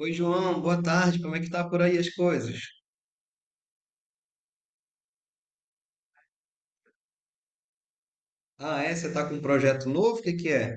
Oi, João, boa tarde. Como é que tá por aí as coisas? Ah, é? Você tá com um projeto novo? O que que é?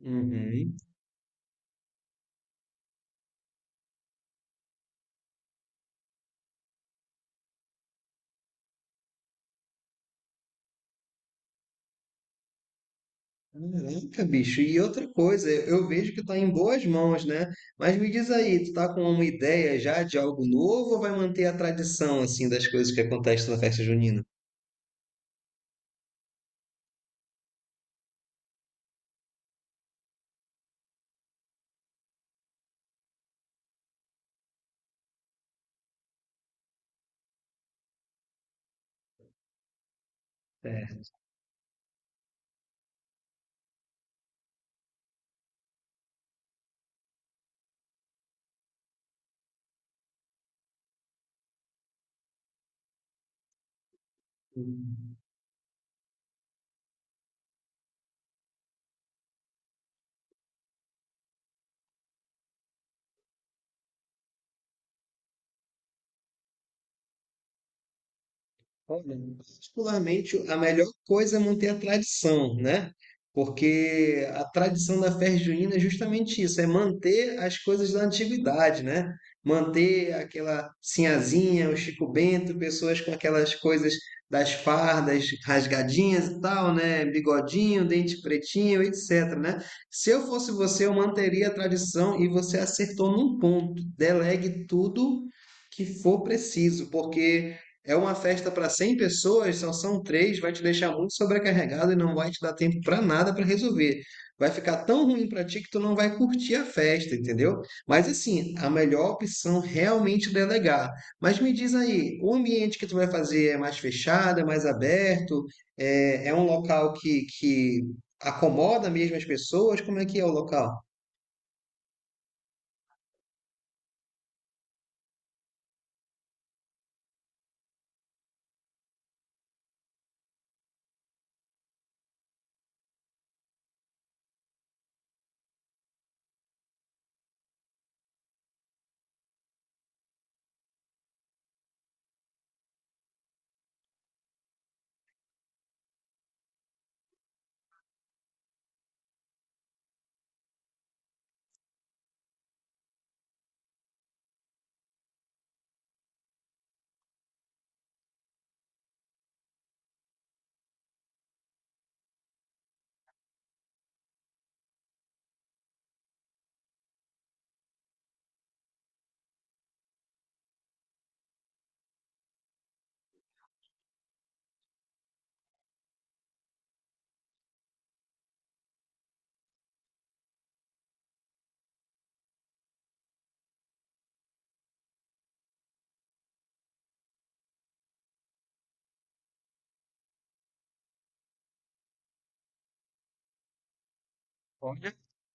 Uhum. Caraca, bicho. E outra coisa, eu vejo que tá em boas mãos, né? Mas me diz aí, tu tá com uma ideia já de algo novo ou vai manter a tradição, assim, das coisas que acontecem na festa junina? Certo. Olha, particularmente, a melhor coisa é manter a tradição, né? Porque a tradição da festa junina é justamente isso, é manter as coisas da antiguidade, né? Manter aquela sinhazinha, o Chico Bento, pessoas com aquelas coisas das fardas rasgadinhas e tal, né? Bigodinho, dente pretinho, etc, né? Se eu fosse você, eu manteria a tradição e você acertou num ponto. Delegue tudo que for preciso, porque é uma festa para 100 pessoas, só são três, vai te deixar muito sobrecarregado e não vai te dar tempo para nada para resolver. Vai ficar tão ruim para ti que tu não vai curtir a festa, entendeu? Mas assim, a melhor opção realmente é delegar. Mas me diz aí, o ambiente que tu vai fazer é mais fechado, é mais aberto? É, é um local que acomoda mesmo as pessoas? Como é que é o local?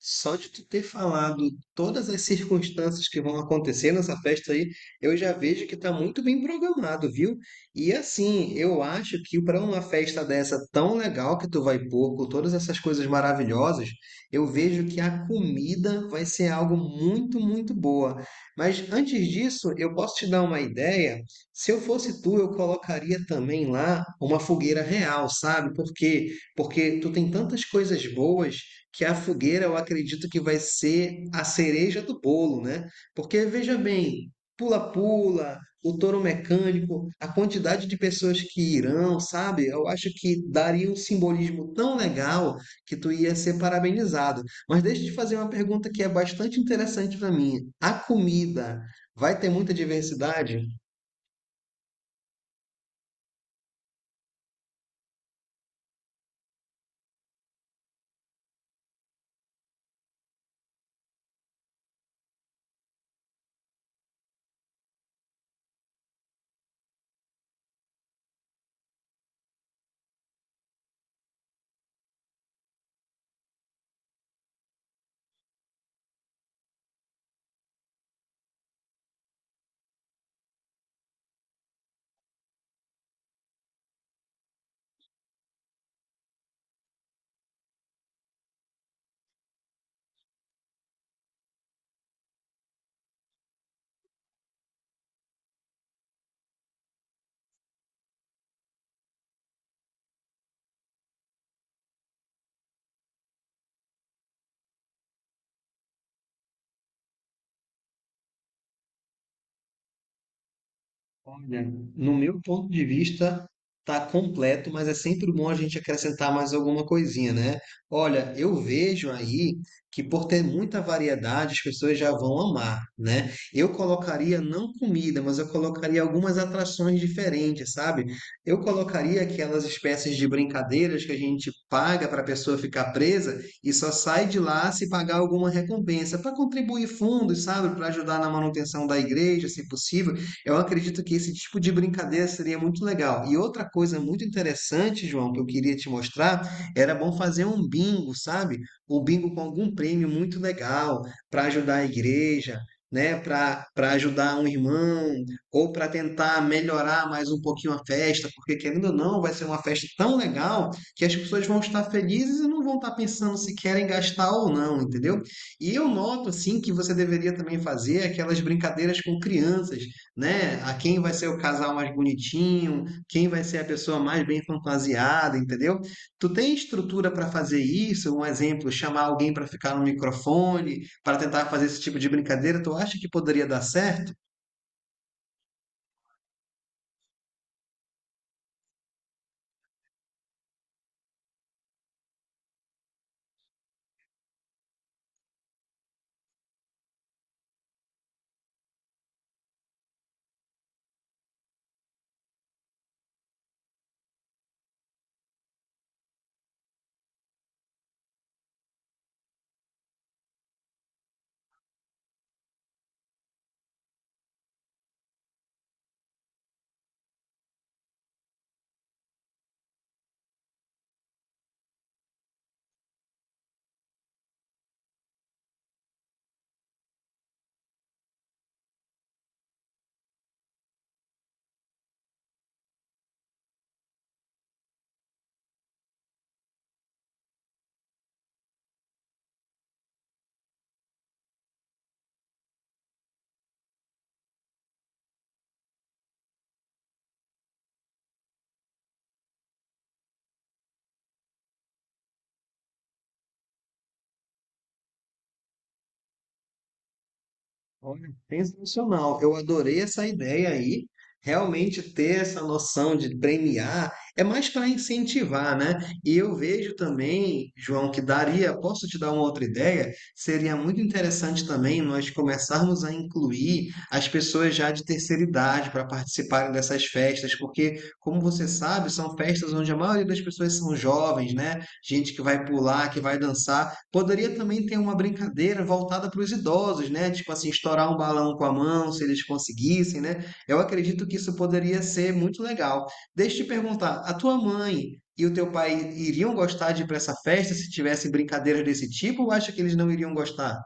Só de tu ter falado todas as circunstâncias que vão acontecer nessa festa aí, eu já vejo que tá muito bem programado, viu? E assim, eu acho que para uma festa dessa tão legal que tu vai pôr, com todas essas coisas maravilhosas, eu vejo que a comida vai ser algo muito, muito boa. Mas antes disso, eu posso te dar uma ideia? Se eu fosse tu, eu colocaria também lá uma fogueira real, sabe? Por quê? Porque tu tem tantas coisas boas que a fogueira eu acredito que vai ser a cereja do bolo, né? Porque veja bem, pula-pula, o touro mecânico, a quantidade de pessoas que irão, sabe? Eu acho que daria um simbolismo tão legal que tu ia ser parabenizado. Mas deixa eu te fazer uma pergunta que é bastante interessante para mim. A comida vai ter muita diversidade? Olha, no meu ponto de vista, tá completo, mas é sempre bom a gente acrescentar mais alguma coisinha, né? Olha, eu vejo aí que por ter muita variedade, as pessoas já vão amar, né? Eu colocaria não comida, mas eu colocaria algumas atrações diferentes, sabe? Eu colocaria aquelas espécies de brincadeiras que a gente paga para a pessoa ficar presa e só sai de lá se pagar alguma recompensa, para contribuir fundos, sabe? Para ajudar na manutenção da igreja, se possível eu acredito que esse tipo de brincadeira seria muito legal. E outra coisa muito interessante, João, que eu queria te mostrar, era bom fazer um bingo, sabe? Um bingo com algum prêmio muito legal para ajudar a igreja, né? Para ajudar um irmão ou para tentar melhorar mais um pouquinho a festa, porque querendo ou não, vai ser uma festa tão legal que as pessoas vão estar felizes e não vão estar pensando se querem gastar ou não, entendeu? E eu noto assim que você deveria também fazer aquelas brincadeiras com crianças né? A quem vai ser o casal mais bonitinho, quem vai ser a pessoa mais bem fantasiada, entendeu? Tu tem estrutura para fazer isso? Um exemplo, chamar alguém para ficar no microfone, para tentar fazer esse tipo de brincadeira, tu acha que poderia dar certo? Olha, sensacional. Eu adorei essa ideia aí. Realmente ter essa noção de premiar é mais para incentivar, né? E eu vejo também, João, que daria, posso te dar uma outra ideia? Seria muito interessante também nós começarmos a incluir as pessoas já de terceira idade para participarem dessas festas, porque, como você sabe, são festas onde a maioria das pessoas são jovens, né? Gente que vai pular, que vai dançar. Poderia também ter uma brincadeira voltada para os idosos, né? Tipo assim, estourar um balão com a mão, se eles conseguissem, né? Eu acredito que isso poderia ser muito legal. Deixa eu te perguntar, a tua mãe e o teu pai iriam gostar de ir para essa festa se tivessem brincadeiras desse tipo, ou acha que eles não iriam gostar?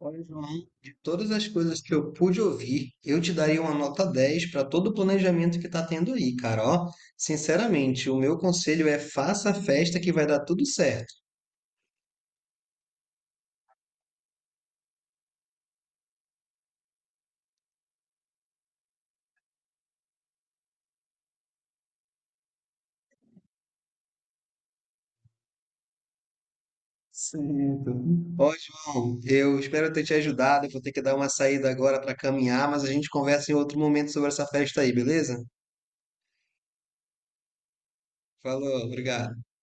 Olha, João, de todas as coisas que eu pude ouvir, eu te daria uma nota 10 para todo o planejamento que tá tendo aí, cara. Ó, sinceramente, o meu conselho é faça a festa que vai dar tudo certo. Certo. Ó, João, eu espero ter te ajudado. Eu vou ter que dar uma saída agora para caminhar, mas a gente conversa em outro momento sobre essa festa aí, beleza? Falou, obrigado.